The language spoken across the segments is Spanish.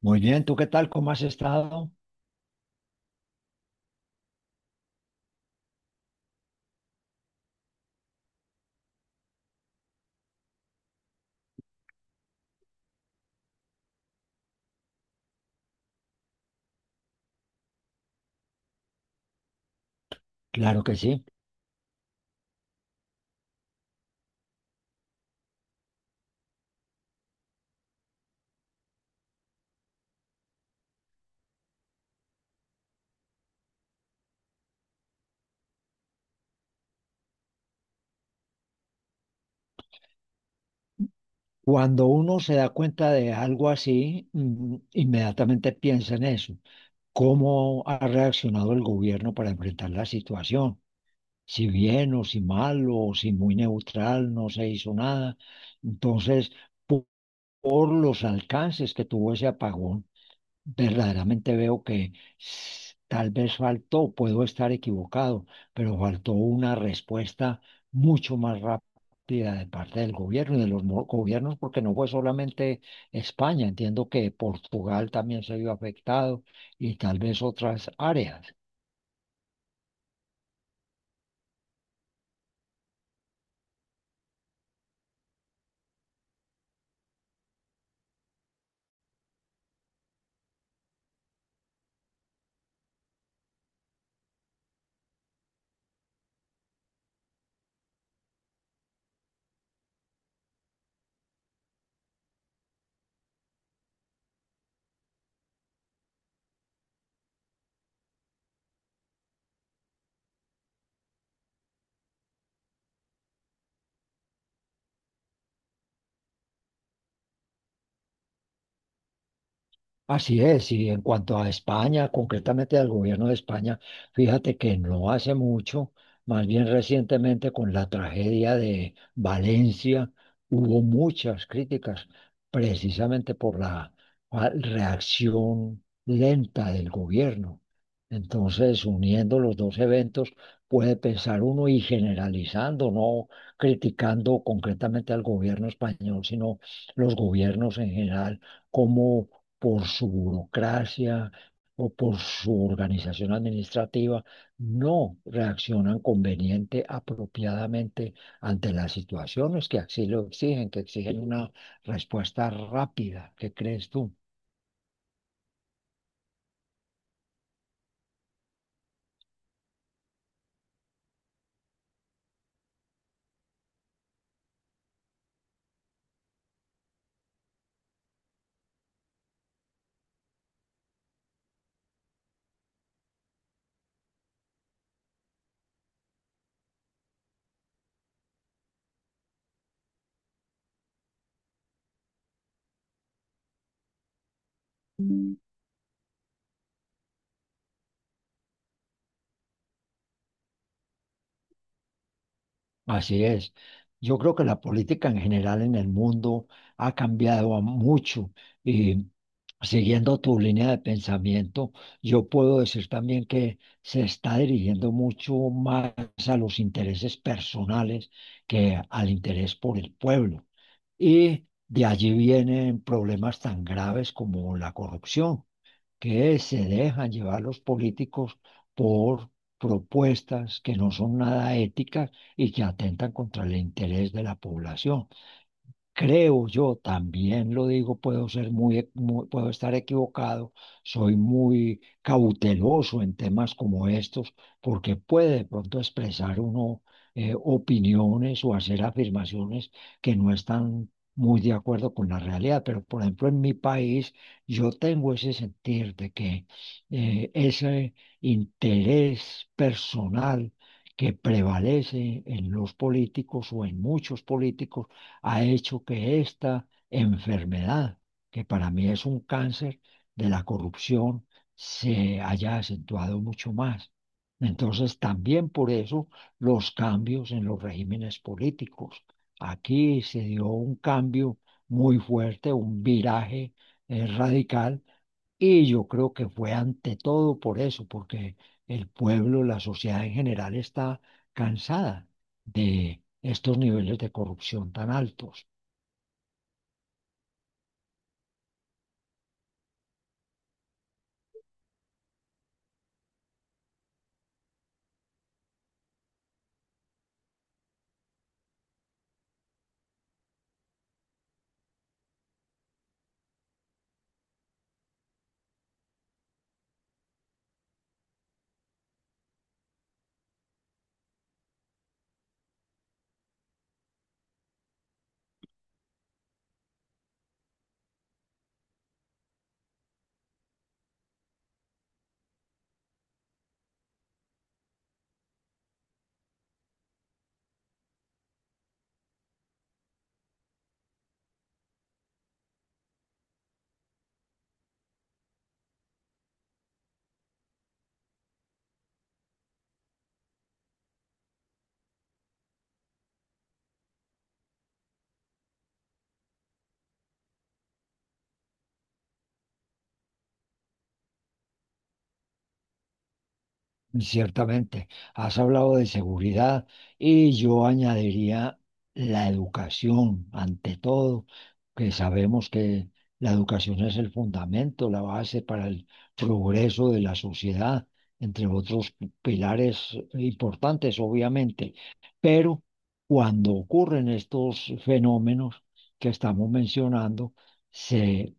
Muy bien, ¿tú qué tal? ¿Cómo has estado? Claro que sí. Cuando uno se da cuenta de algo así, inmediatamente piensa en eso. ¿Cómo ha reaccionado el gobierno para enfrentar la situación? Si bien o si mal o si muy neutral, no se hizo nada. Entonces, po- por los alcances que tuvo ese apagón. Verdaderamente veo que tal vez faltó, puedo estar equivocado, pero faltó una respuesta mucho más rápida de parte del gobierno y de los gobiernos, porque no fue solamente España, entiendo que Portugal también se vio afectado y tal vez otras áreas. Así es, y en cuanto a España, concretamente al gobierno de España, fíjate que no hace mucho, más bien recientemente con la tragedia de Valencia, hubo muchas críticas precisamente por la reacción lenta del gobierno. Entonces, uniendo los dos eventos, puede pensar uno y generalizando, no criticando concretamente al gobierno español, sino los gobiernos en general, cómo por su burocracia o por su organización administrativa, no reaccionan conveniente, apropiadamente ante las situaciones que así lo exigen, que exigen una respuesta rápida. ¿Qué crees tú? Así es. Yo creo que la política en general en el mundo ha cambiado a mucho y siguiendo tu línea de pensamiento, yo puedo decir también que se está dirigiendo mucho más a los intereses personales que al interés por el pueblo. Y de allí vienen problemas tan graves como la corrupción que se dejan llevar los políticos por propuestas que no son nada éticas y que atentan contra el interés de la población. Creo yo, también lo digo, puedo ser muy, puedo estar equivocado, soy muy cauteloso en temas como estos, porque puede de pronto expresar uno opiniones o hacer afirmaciones que no están muy de acuerdo con la realidad. Pero, por ejemplo, en mi país, yo tengo ese sentir de que ese interés personal que prevalece en los políticos o en muchos políticos ha hecho que esta enfermedad, que para mí es un cáncer de la corrupción, se haya acentuado mucho más. Entonces, también por eso los cambios en los regímenes políticos. Aquí se dio un cambio muy fuerte, un viraje radical y yo creo que fue ante todo por eso, porque el pueblo, la sociedad en general está cansada de estos niveles de corrupción tan altos. Ciertamente, has hablado de seguridad y yo añadiría la educación, ante todo, que sabemos que la educación es el fundamento, la base para el progreso de la sociedad, entre otros pilares importantes, obviamente. Pero cuando ocurren estos fenómenos que estamos mencionando, se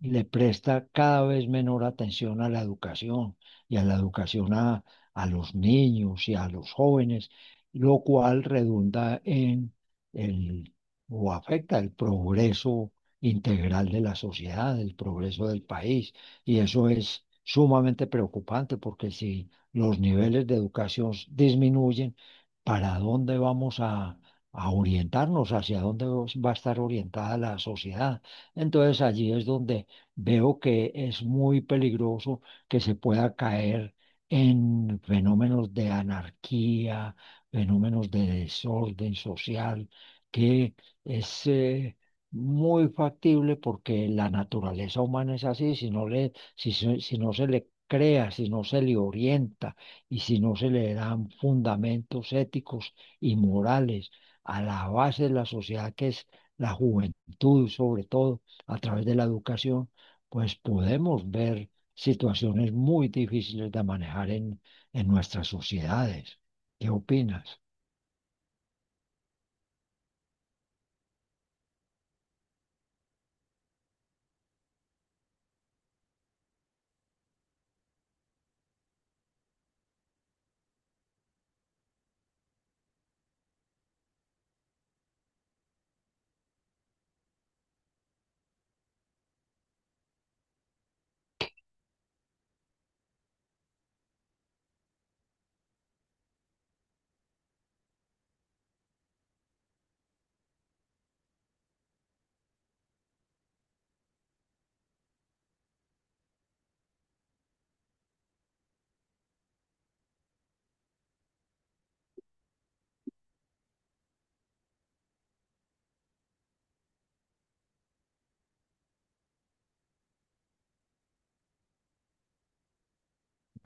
le presta cada vez menor atención a la educación y a la educación a los niños y a los jóvenes, lo cual redunda en el o afecta el progreso integral de la sociedad, el progreso del país. Y eso es sumamente preocupante porque si los niveles de educación disminuyen, ¿para dónde vamos a orientarnos? ¿Hacia dónde va a estar orientada la sociedad? Entonces allí es donde veo que es muy peligroso que se pueda caer en fenómenos de anarquía, fenómenos de desorden social, que es muy factible porque la naturaleza humana es así, si no le, si, si no se le crea, si no se le orienta y si no se le dan fundamentos éticos y morales a la base de la sociedad que es la juventud, sobre todo a través de la educación, pues podemos ver situaciones muy difíciles de manejar en nuestras sociedades. ¿Qué opinas?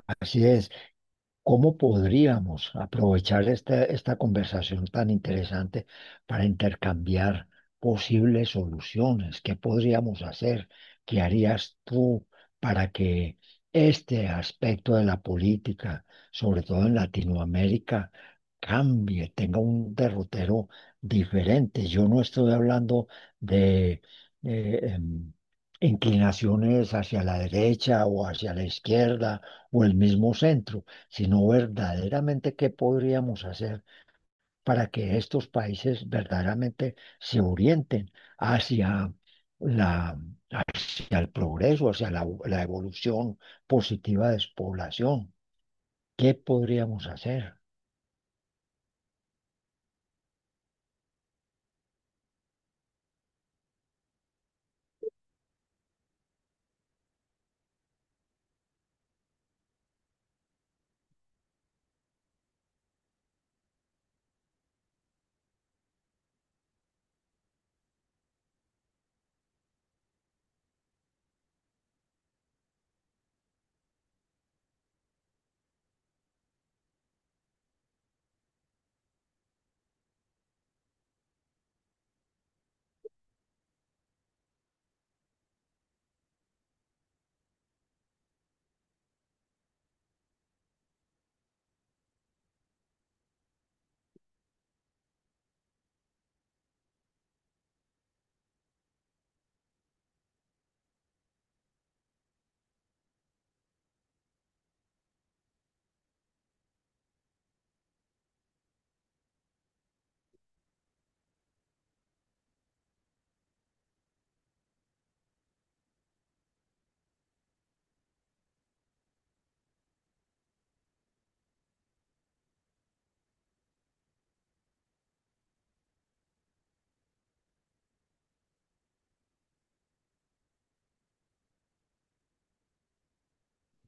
Así es. ¿Cómo podríamos aprovechar esta, esta conversación tan interesante para intercambiar posibles soluciones? ¿Qué podríamos hacer? ¿Qué harías tú para que este aspecto de la política, sobre todo en Latinoamérica, cambie, tenga un derrotero diferente? Yo no estoy hablando de... em, inclinaciones hacia la derecha o hacia la izquierda o el mismo centro sino verdaderamente qué podríamos hacer para que estos países verdaderamente se orienten hacia la, hacia el progreso, hacia la, la evolución positiva de su población. ¿Qué podríamos hacer?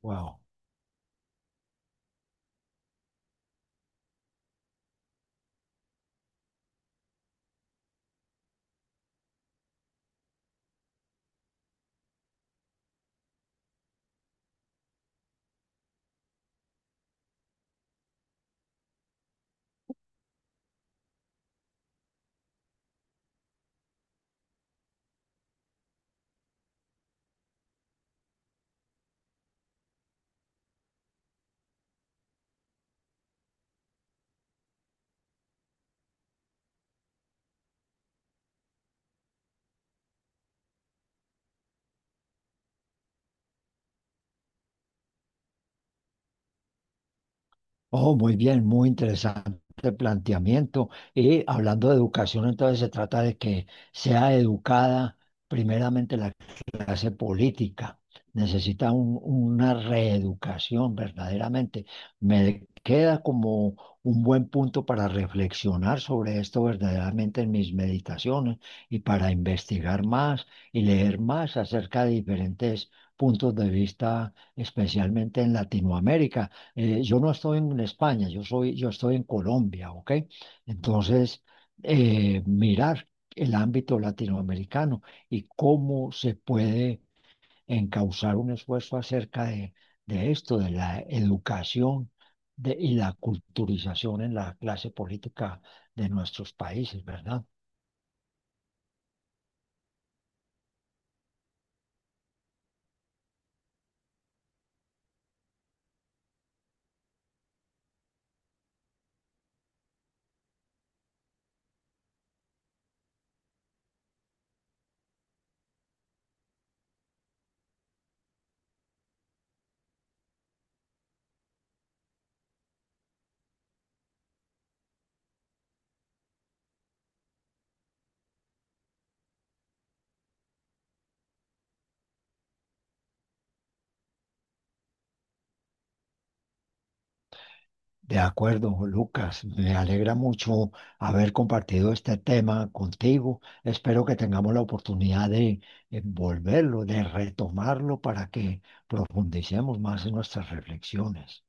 Wow. Oh, muy bien, muy interesante planteamiento. Y hablando de educación, entonces se trata de que sea educada primeramente la clase política. Necesita una reeducación verdaderamente. Me queda como un buen punto para reflexionar sobre esto verdaderamente en mis meditaciones y para investigar más y leer más acerca de diferentes puntos de vista, especialmente en Latinoamérica. Yo no estoy en España, yo soy, yo estoy en Colombia, ¿ok? Entonces, mirar el ámbito latinoamericano y cómo se puede encauzar un esfuerzo acerca de esto, de la educación y la culturización en la clase política de nuestros países, ¿verdad? De acuerdo, Lucas, me alegra mucho haber compartido este tema contigo. Espero que tengamos la oportunidad de volverlo, de retomarlo para que profundicemos más en nuestras reflexiones.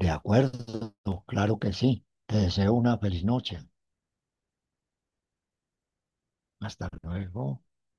De acuerdo, claro que sí. Te deseo una feliz noche. Hasta luego.